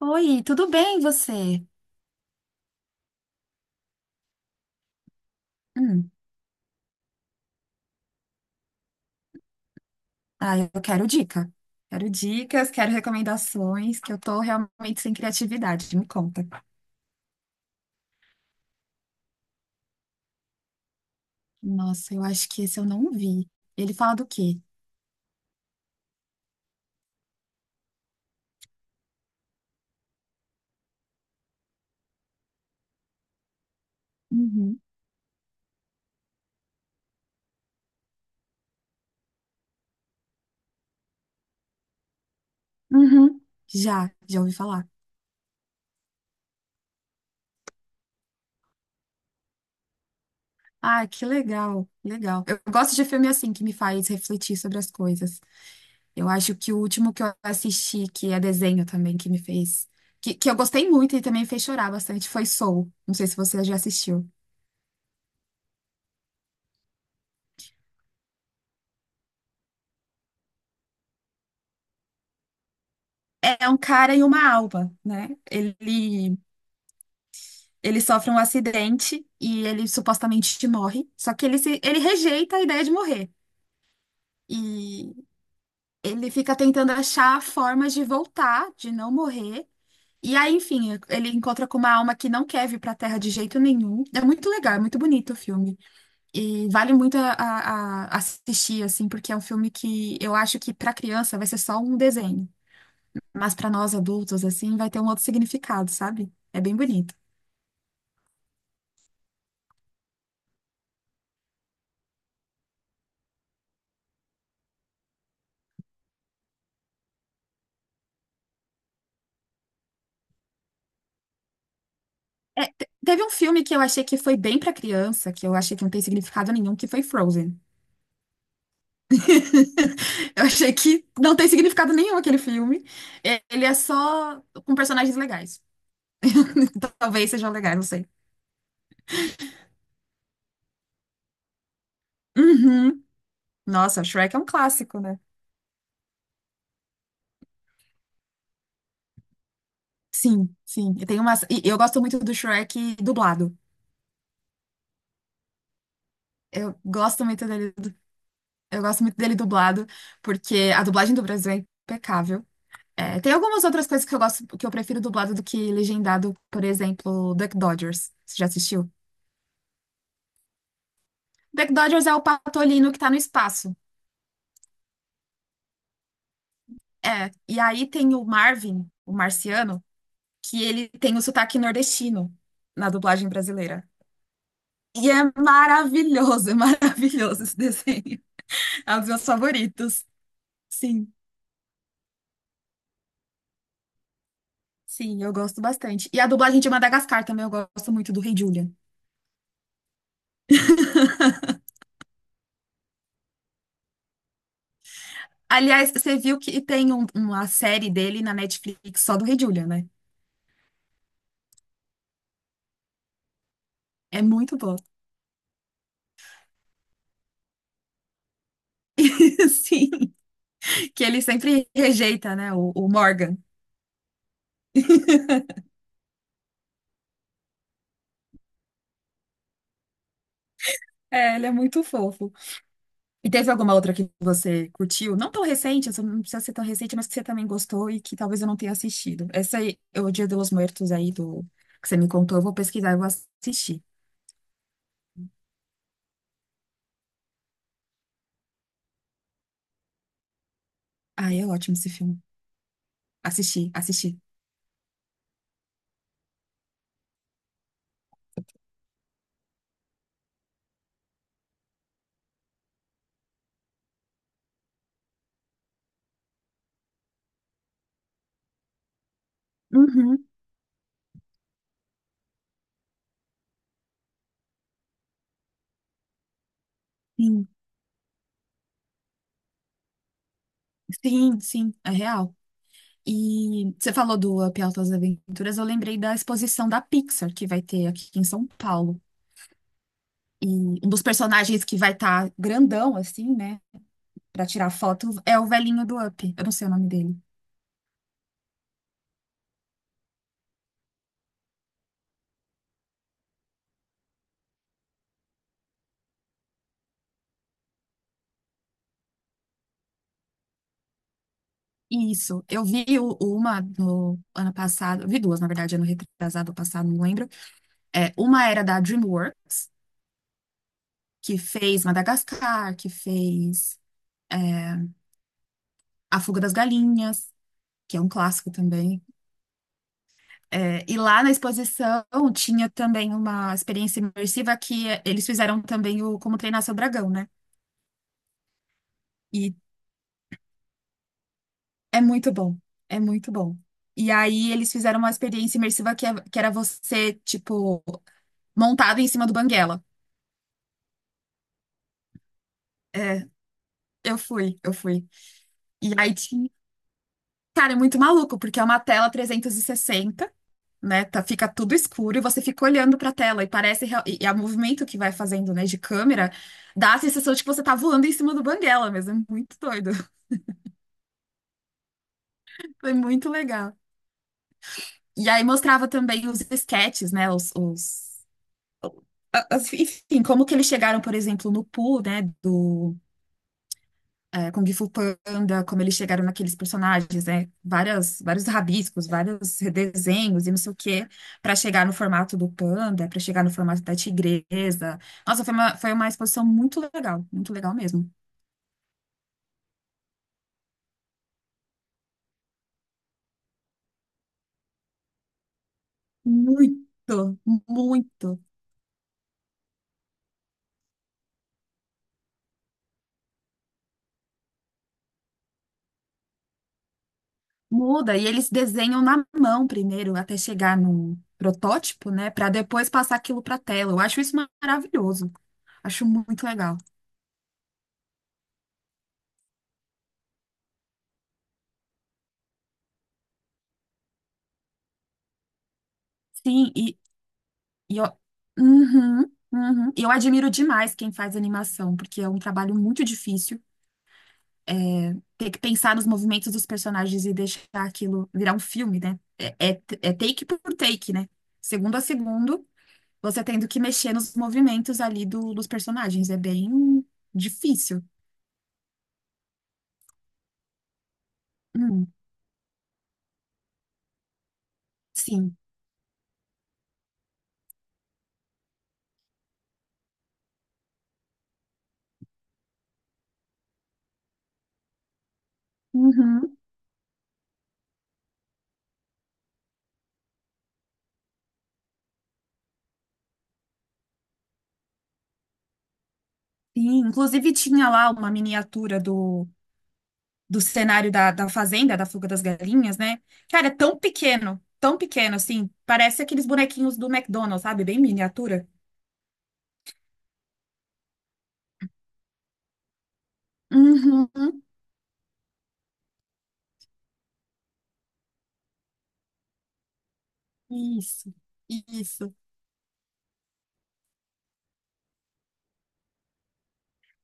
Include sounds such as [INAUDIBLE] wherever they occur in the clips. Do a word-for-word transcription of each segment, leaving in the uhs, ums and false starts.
Oi, tudo bem você? Hum, ah, eu quero dica. Quero dicas, quero recomendações, que eu tô realmente sem criatividade, me conta. Nossa, eu acho que esse eu não vi. Ele fala do quê? Uhum. Uhum. Já, já ouvi falar. Ah, que legal, legal. Eu gosto de filme assim, que me faz refletir sobre as coisas. Eu acho que o último que eu assisti, que é desenho também, que me fez. Que, que eu gostei muito e também fez chorar bastante, foi Soul. Não sei se você já assistiu. É um cara e uma alma, né? Ele, ele sofre um acidente e ele supostamente morre, só que ele, se, ele rejeita a ideia de morrer. E ele fica tentando achar formas de voltar, de não morrer. E aí, enfim, ele encontra com uma alma que não quer vir pra Terra de jeito nenhum. É muito legal, é muito bonito o filme. E vale muito a, a- a assistir, assim, porque é um filme que eu acho que pra criança vai ser só um desenho. Mas pra nós adultos, assim, vai ter um outro significado, sabe? É bem bonito. É, te- teve um filme que eu achei que foi bem pra criança, que eu achei que não tem significado nenhum, que foi Frozen. [LAUGHS] Eu achei que não tem significado nenhum aquele filme. É, ele é só com personagens legais. [LAUGHS] Talvez sejam legais, não sei. Uhum. Nossa, Shrek é um clássico, né? Sim, sim. E tem umas, e eu gosto muito do Shrek dublado. Eu gosto muito dele, eu gosto muito dele dublado, porque a dublagem do Brasil é impecável. É, tem algumas outras coisas que eu gosto, que eu prefiro dublado do que legendado, por exemplo, Duck Dodgers. Você já assistiu? Duck Dodgers é o patolino que tá no espaço. É, e aí tem o Marvin, o marciano, que ele tem o sotaque nordestino na dublagem brasileira. E é maravilhoso, é [LAUGHS] maravilhoso esse desenho. É um dos meus favoritos. Sim, sim, eu gosto bastante. E a dublagem de Madagascar também, eu gosto muito do Rei Julian. Aliás, você viu que tem um- uma série dele na Netflix só do Rei Julian, né? É muito bom. [LAUGHS] Sim. Que ele sempre rejeita, né? O, o Morgan. É, ele é muito fofo. E teve alguma outra que você curtiu? Não tão recente, essa não precisa ser tão recente, mas que você também gostou e que talvez eu não tenha assistido. Essa aí, o Dia dos Mortos aí do que você me contou, eu vou pesquisar e vou assistir. Ah, é ótimo esse filme. Assisti, assisti. Uhum. Sim, sim, sim, é real. E você falou do Up Altas Aventuras, eu lembrei da exposição da Pixar que vai ter aqui em São Paulo. E um dos personagens que vai estar grandão, assim, né? Pra tirar foto é o velhinho do Up. Eu não sei o nome dele. Isso. Eu vi o- uma no ano passado. Eu vi duas, na verdade, ano retrasado ou passado, não lembro. É, uma era da DreamWorks, que fez Madagascar, que fez A Fuga das Galinhas, que é um clássico também. É, e lá na exposição tinha também uma experiência imersiva que eh, eles fizeram também o Como Treinar Seu Dragão, né? E É muito bom, é muito bom. E aí eles fizeram uma experiência imersiva que, é- que era você, tipo, montado em cima do Banguela. É, eu fui, eu fui. E aí tinha. Cara, é muito maluco, porque é uma tela trezentos e sessenta, né? Tá, fica tudo escuro e você fica olhando pra tela e parece... real- E, e é o movimento que vai fazendo, né, de câmera, dá a sensação de que você tá voando em cima do Banguela mesmo. É muito doido. [LAUGHS] Foi muito legal. E aí mostrava também os esquetes, né? Os, os a- as- Enfim, como que eles chegaram, por exemplo, no Pooh, né, do é, Kung Fu Panda, como eles chegaram naqueles personagens, né, várias, vários rabiscos, vários redesenhos e não sei o quê, para chegar no formato do panda, para chegar no formato da tigresa. Nossa, foi uma, foi uma exposição muito legal, muito legal mesmo. Muito, muito. Muda, e eles desenham na mão primeiro, até chegar no protótipo, né, para depois passar aquilo para tela. Eu acho isso maravilhoso, acho muito legal. Sim, e, E eu, uhum, uhum. E eu admiro demais quem faz animação, porque é um trabalho muito difícil. Ter que pensar nos movimentos dos personagens e deixar aquilo virar um filme, né? É, é, é take por take, né? Segundo a segundo, você tendo que mexer nos movimentos ali do, dos personagens. É bem difícil. Hum, sim. Uhum. Sim. Inclusive, tinha lá uma miniatura do do cenário da, da fazenda, da fuga das galinhas, né? Cara, é tão pequeno, tão pequeno, assim. Parece aqueles bonequinhos do McDonald's, sabe? Bem miniatura. Uhum, isso, isso.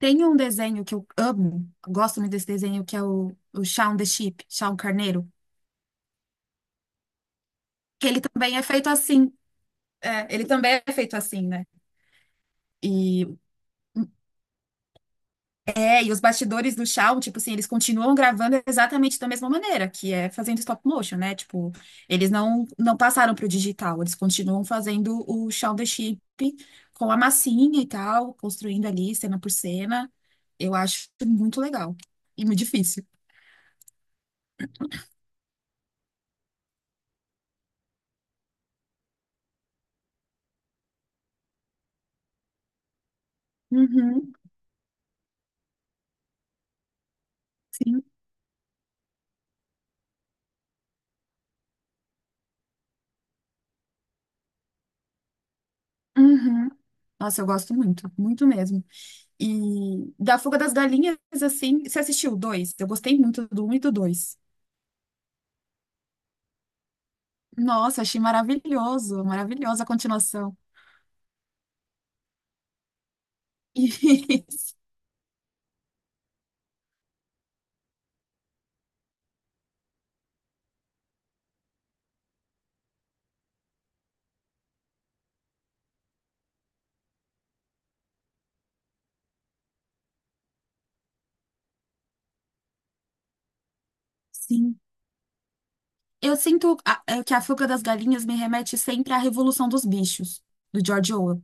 Tem um desenho que eu amo, gosto muito desse desenho, que é o, o Shaun the Sheep, Shaun Carneiro, que ele também é feito assim. É, ele também é feito assim, né? E É, e os bastidores do Shaw, tipo assim, eles continuam gravando exatamente da mesma maneira, que é fazendo stop motion, né? Tipo, eles não, não passaram pro digital, eles continuam fazendo o Shaun the Sheep com a massinha e tal, construindo ali cena por cena. Eu acho muito legal e muito difícil. Uhum, sim. Uhum. Nossa, eu gosto muito, muito mesmo. E da Fuga das Galinhas, assim, você assistiu o dois? Eu gostei muito do um e do dois. Nossa, achei maravilhoso, maravilhosa a continuação. [LAUGHS] Sim. Eu sinto a- é, que a fuga das galinhas me remete sempre à Revolução dos Bichos, do George Orwell.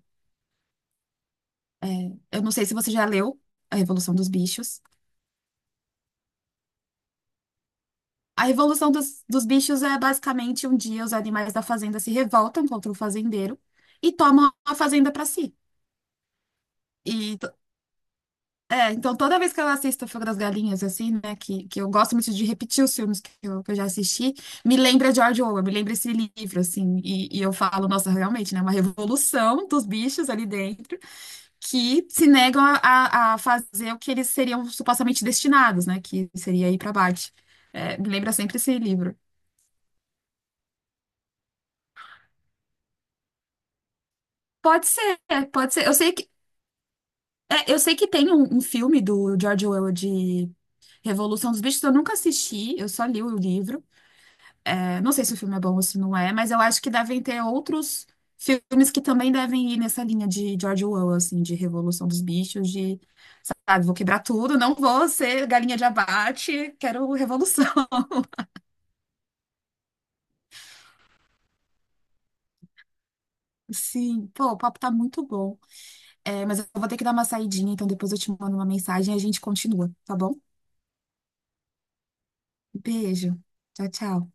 Eu não sei se você já leu A Revolução dos Bichos. A Revolução dos, dos Bichos é basicamente um dia os animais da fazenda se revoltam contra o fazendeiro e tomam a fazenda para si. E É, então toda vez que eu assisto Fogo das Galinhas, assim, né, que, que eu gosto muito de repetir os filmes que eu, que eu já assisti, me lembra George Orwell, me lembra esse livro, assim, e, e eu falo, nossa, realmente, né, uma revolução dos bichos ali dentro que se negam a, a- a fazer o que eles seriam supostamente destinados, né, que seria ir para Marte. É, me lembra sempre esse livro. Pode ser, pode ser. Eu sei que, é, eu sei que tem um, um filme do George Orwell de Revolução dos Bichos, eu nunca assisti, eu só li o livro. É, não sei se o filme é bom ou se não é, mas eu acho que devem ter outros filmes que também devem ir nessa linha de George Orwell, assim, de Revolução dos Bichos, de, sabe, vou quebrar tudo, não vou ser galinha de abate, quero revolução. [LAUGHS] Sim, pô, o papo tá muito bom. É, mas eu vou ter que dar uma saidinha, então depois eu te mando uma mensagem e a gente continua, tá bom? Um beijo. Tchau, tchau.